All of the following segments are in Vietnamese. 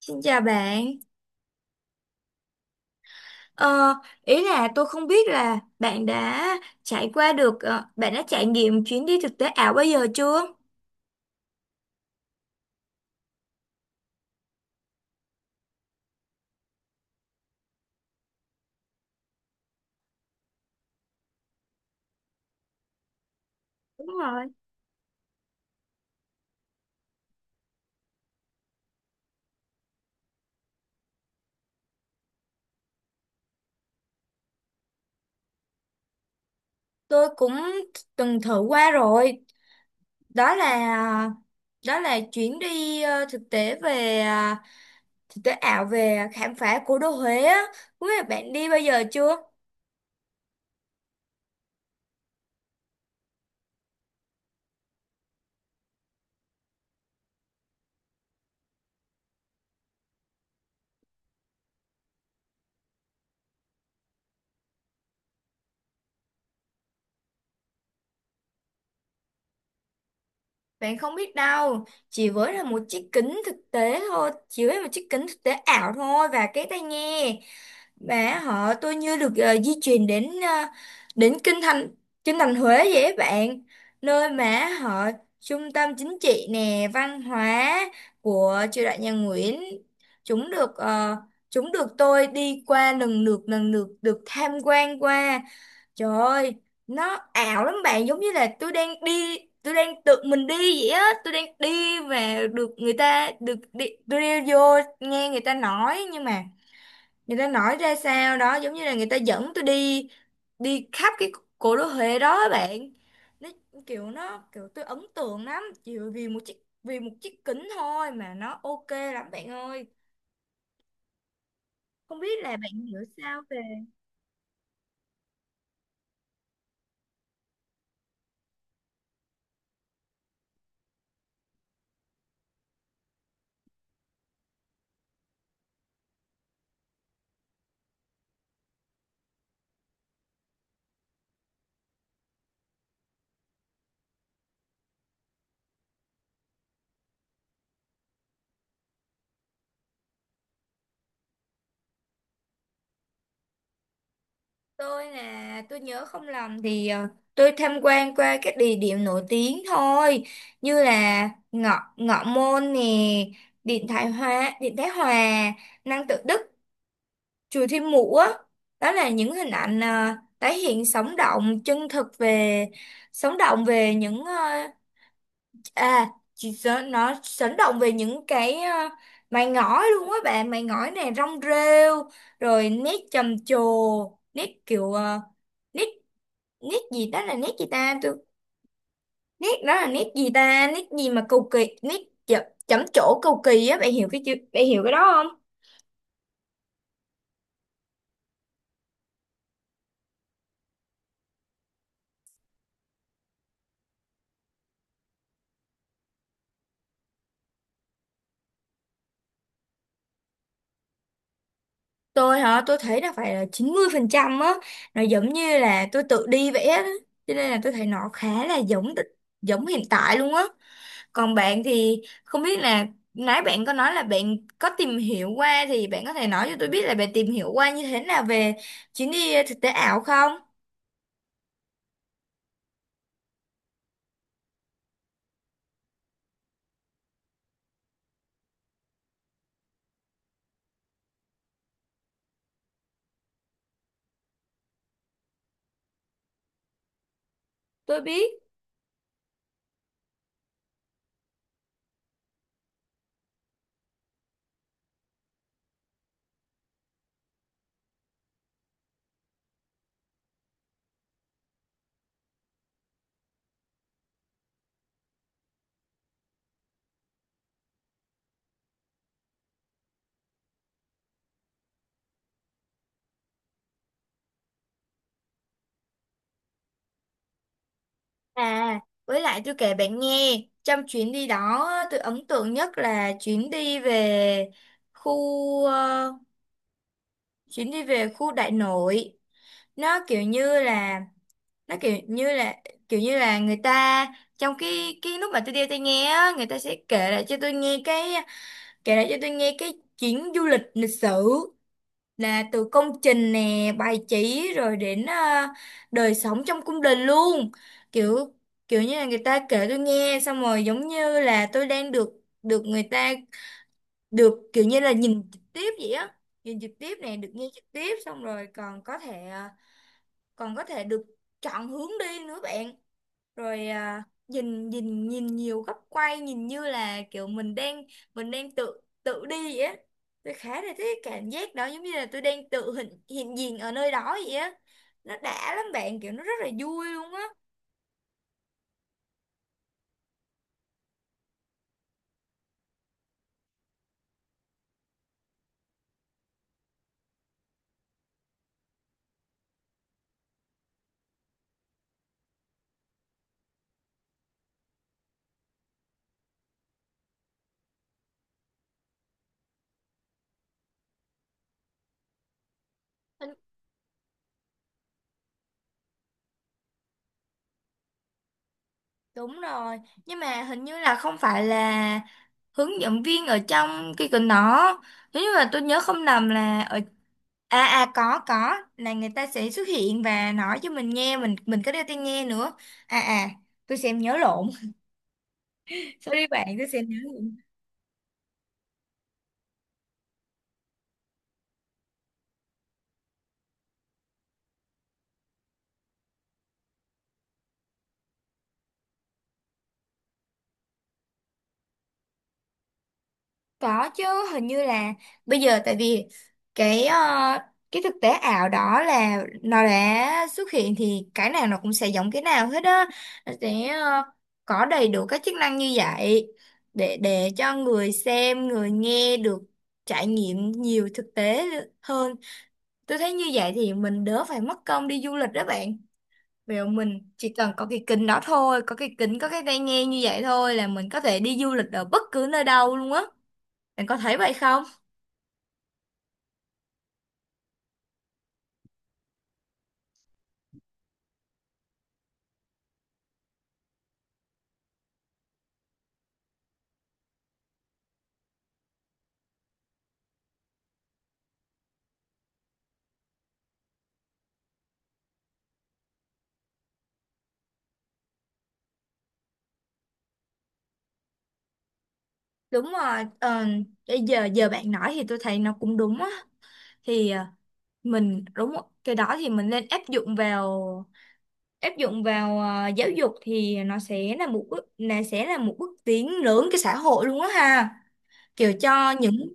Xin chào bạn. Ờ, Ý là tôi không biết là bạn đã trải qua được, ờ, bạn đã trải nghiệm chuyến đi thực tế ảo bao giờ chưa? Đúng rồi. Tôi cũng từng thử qua rồi. Đó là đó là chuyến đi thực tế ảo về khám phá cố đô Huế á. Không biết là bạn đi bao giờ chưa? Bạn không biết đâu, chỉ với là một chiếc kính thực tế thôi, chỉ với một chiếc kính thực tế ảo thôi và cái tai nghe. Và họ tôi như được di chuyển đến kinh thành Huế vậy á bạn, nơi mà họ trung tâm chính trị nè, văn hóa của triều đại nhà Nguyễn. Chúng được ờ, chúng được tôi đi qua, lần lượt được tham quan qua. Trời ơi, nó ảo lắm bạn, giống như là tôi đang tự mình đi vậy á. Tôi đang đi và được người ta được đi, tôi đi vô nghe người ta nói, nhưng mà người ta nói ra sao đó giống như là người ta dẫn tôi đi, đi khắp cái cố đô Huế đó á bạn. Nó kiểu tôi ấn tượng lắm, chỉ vì một chiếc kính thôi mà nó ok lắm bạn ơi. Không biết là bạn hiểu sao về. Tôi nè, tôi nhớ không lầm thì tôi tham quan qua các địa điểm nổi tiếng thôi, như là ngọ ngọ môn nè, Điện Thái Hòa, Năng Tự Đức, chùa Thiên Mụ á. Đó là những hình ảnh tái hiện sống động chân thực về sống động về những chỉ sợ nó sống động về những cái mày ngói luôn á bạn, mày ngói này, rong rêu, rồi nét trầm trồ, nét kiểu nét nét gì đó là nét gì ta, tôi nét đó là nét gì ta, nét gì mà cầu kỳ, nét chấm chậm trổ cầu kỳ á bạn, hiểu cái chữ bạn hiểu cái đó không. Tôi hả, tôi thấy là phải là 90% á. Nó giống như là tôi tự đi vẽ đó, cho nên là tôi thấy nó khá là giống, giống hiện tại luôn á. Còn bạn thì không biết là nãy bạn có nói là bạn có tìm hiểu qua, thì bạn có thể nói cho tôi biết là bạn tìm hiểu qua như thế nào về chuyến đi thực tế ảo không. Tôi biết. À, với lại tôi kể bạn nghe, trong chuyến đi đó tôi ấn tượng nhất là khu ờ, chuyến đi về khu Đại Nội. Nó kiểu như là nó kiểu như là người ta, trong cái lúc mà tôi đi tôi nghe á, người ta sẽ kể lại cho tôi nghe cái chuyến du lịch lịch sử, là từ công trình nè, bài chỉ rồi đến đời sống trong cung đình luôn. Kiểu kiểu như là người ta kể tôi nghe xong rồi, giống như là tôi đang được, được người ta được kiểu như là nhìn trực tiếp vậy á. Nhìn trực tiếp này, được nghe trực tiếp, xong rồi còn có thể được chọn hướng đi nữa bạn, rồi nhìn, nhìn nhiều góc quay, nhìn như là kiểu mình đang tự tự đi vậy á. Tôi khá là thích cái cảm giác đó, giống như là tôi đang tự hiện hiện diện ở nơi đó vậy á. Nó đã lắm bạn, kiểu nó rất là vui luôn á. Hình- Đúng rồi. Nhưng mà hình như là không phải là hướng dẫn viên ở trong cái gần đó. Nếu như mà tôi nhớ không lầm là ở, có là người ta sẽ xuất hiện và nói cho mình nghe, mình có đeo tai nghe nữa. à à tôi xem nhớ lộn. Sorry bạn, tôi xem nhớ. Có chứ. Hình như là bây giờ, tại vì cái ờ, cái thực tế ảo đó là nó đã xuất hiện, thì cái nào nó cũng sẽ giống cái nào hết á. Nó sẽ có đầy đủ các chức năng như vậy, để cho người xem, người nghe được trải nghiệm nhiều thực tế hơn. Tôi thấy như vậy thì mình đỡ phải mất công đi du lịch đó bạn. Vì mình chỉ cần có cái kính đó thôi, có cái kính, có cái tai nghe như vậy thôi là mình có thể đi du lịch ở bất cứ nơi đâu luôn á. Bạn có thấy vậy không? Đúng rồi. Ờ, cái giờ giờ bạn nói thì tôi thấy nó cũng đúng á. Thì mình đúng rồi, cái đó thì mình nên áp dụng vào giáo dục, thì nó sẽ là sẽ là một bước tiến lớn cái xã hội luôn á ha. Kiểu cho những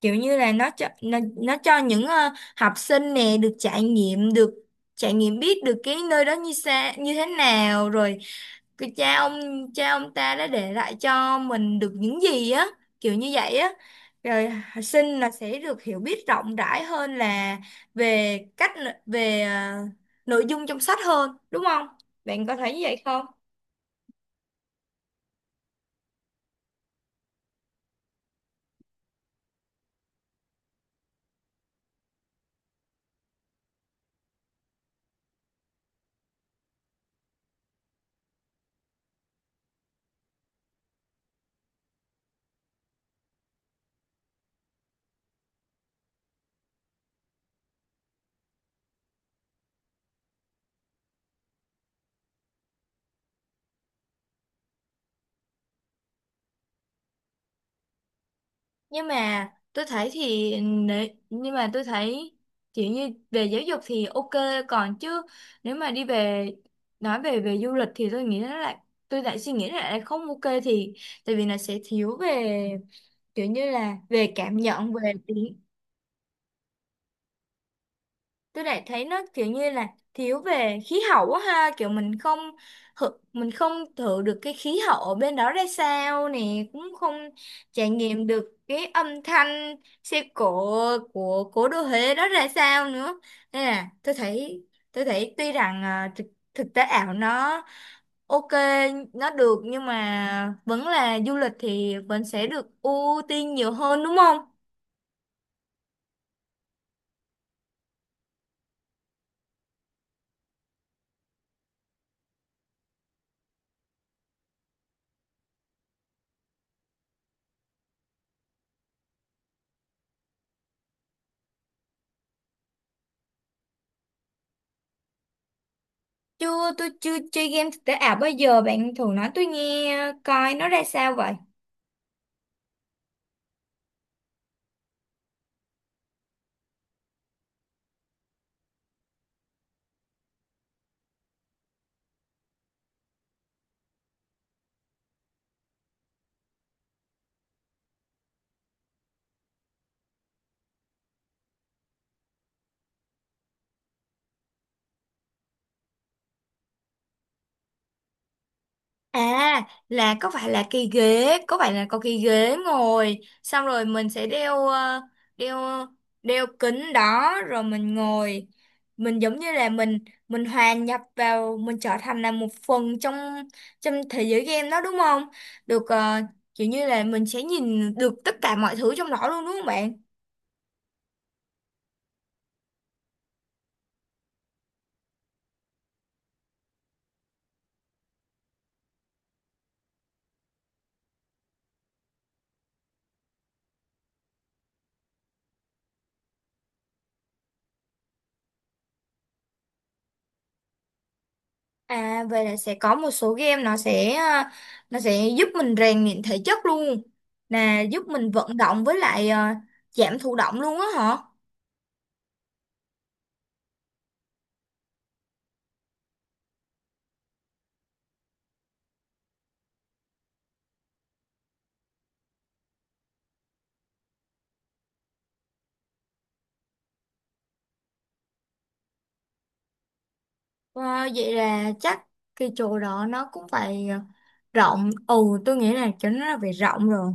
Kiểu như là nó cho những học sinh nè được trải nghiệm, biết được cái nơi đó như xa như thế nào, rồi cái cha ông ta đã để lại cho mình được những gì á, kiểu như vậy á. Rồi học sinh là sẽ được hiểu biết rộng rãi hơn là về về ờ, nội dung trong sách hơn, đúng không? Bạn có thấy như vậy không? Nhưng mà tôi thấy kiểu như về giáo dục thì ok, còn chứ nếu mà đi về, nói về về du lịch thì tôi nghĩ nó lại, tôi lại suy nghĩ lại là lại không ok. Thì tại vì nó sẽ thiếu về kiểu như là về cảm nhận, về tiếng. Tôi lại thấy nó kiểu như là thiếu về khí hậu quá ha, kiểu mình không mình không thử được cái khí hậu ở bên đó ra sao nè, cũng không trải nghiệm được cái âm thanh xe cộ của cố đô Huế đó ra sao nữa. Nên là tôi thấy tuy rằng thực tế ảo nó ok, nó được, nhưng mà vẫn là du lịch thì vẫn sẽ được ưu tiên nhiều hơn đúng không. Chưa, tôi chưa chơi game thực tế ảo bao giờ. Bạn thường nói tôi nghe coi nó ra sao vậy? À, là có phải là cái ghế, có phải là có cái ghế ngồi, xong rồi mình sẽ đeo ờ, đeo đeo kính đó rồi mình ngồi. Mình giống như là mình hòa nhập vào, mình trở thành là một phần trong trong thế giới game đó đúng không? Được kiểu như là mình sẽ nhìn được tất cả mọi thứ trong đó luôn đúng không bạn? À vậy là sẽ có một số game nó sẽ giúp mình rèn luyện thể chất luôn. Là giúp mình vận động, với lại giảm thụ động luôn á hả? Ờ, Vậy là chắc cái chỗ đó nó cũng phải rộng. Ừ, tôi nghĩ là chỗ nó là phải rộng rồi.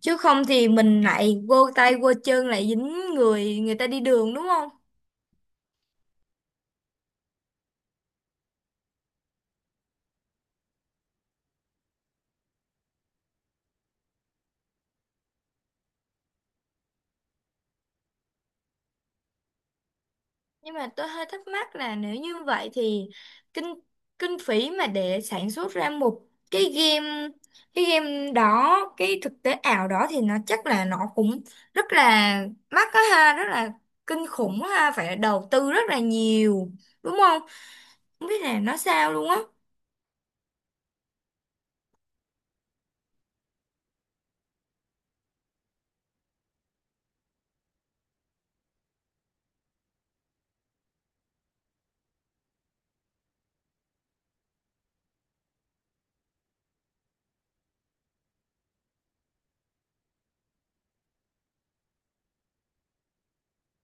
Chứ không thì mình lại vô tay vô chân, lại dính người người ta đi đường đúng không? Nhưng mà tôi hơi thắc mắc là nếu như vậy thì kinh kinh phí mà để sản xuất ra một cái game, cái game đó cái thực tế ảo đó, thì nó chắc là nó cũng rất là mắc đó ha, rất là kinh khủng á ha, phải đầu tư rất là nhiều đúng không? Không biết là nó sao luôn á.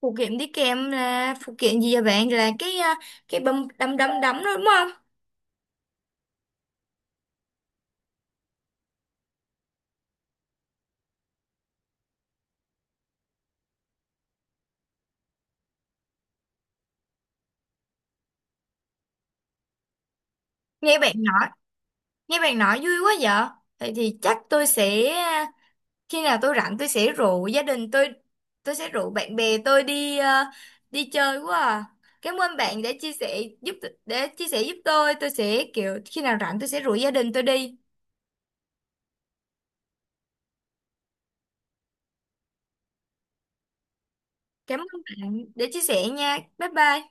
Phụ kiện đi kèm là phụ kiện gì vậy bạn, là cái cái bấm đấm đấm đấm đó đúng không? nghe bạn nói Nghe bạn nói vui quá. Vậy thì chắc tôi sẽ, khi nào tôi rảnh tôi sẽ rủ gia đình tôi sẽ rủ bạn bè tôi đi đi chơi quá à. Cảm ơn bạn đã chia sẻ giúp, để chia sẻ giúp tôi sẽ kiểu khi nào rảnh tôi sẽ rủ gia đình tôi đi. Cảm ơn bạn để chia sẻ nha, bye bye.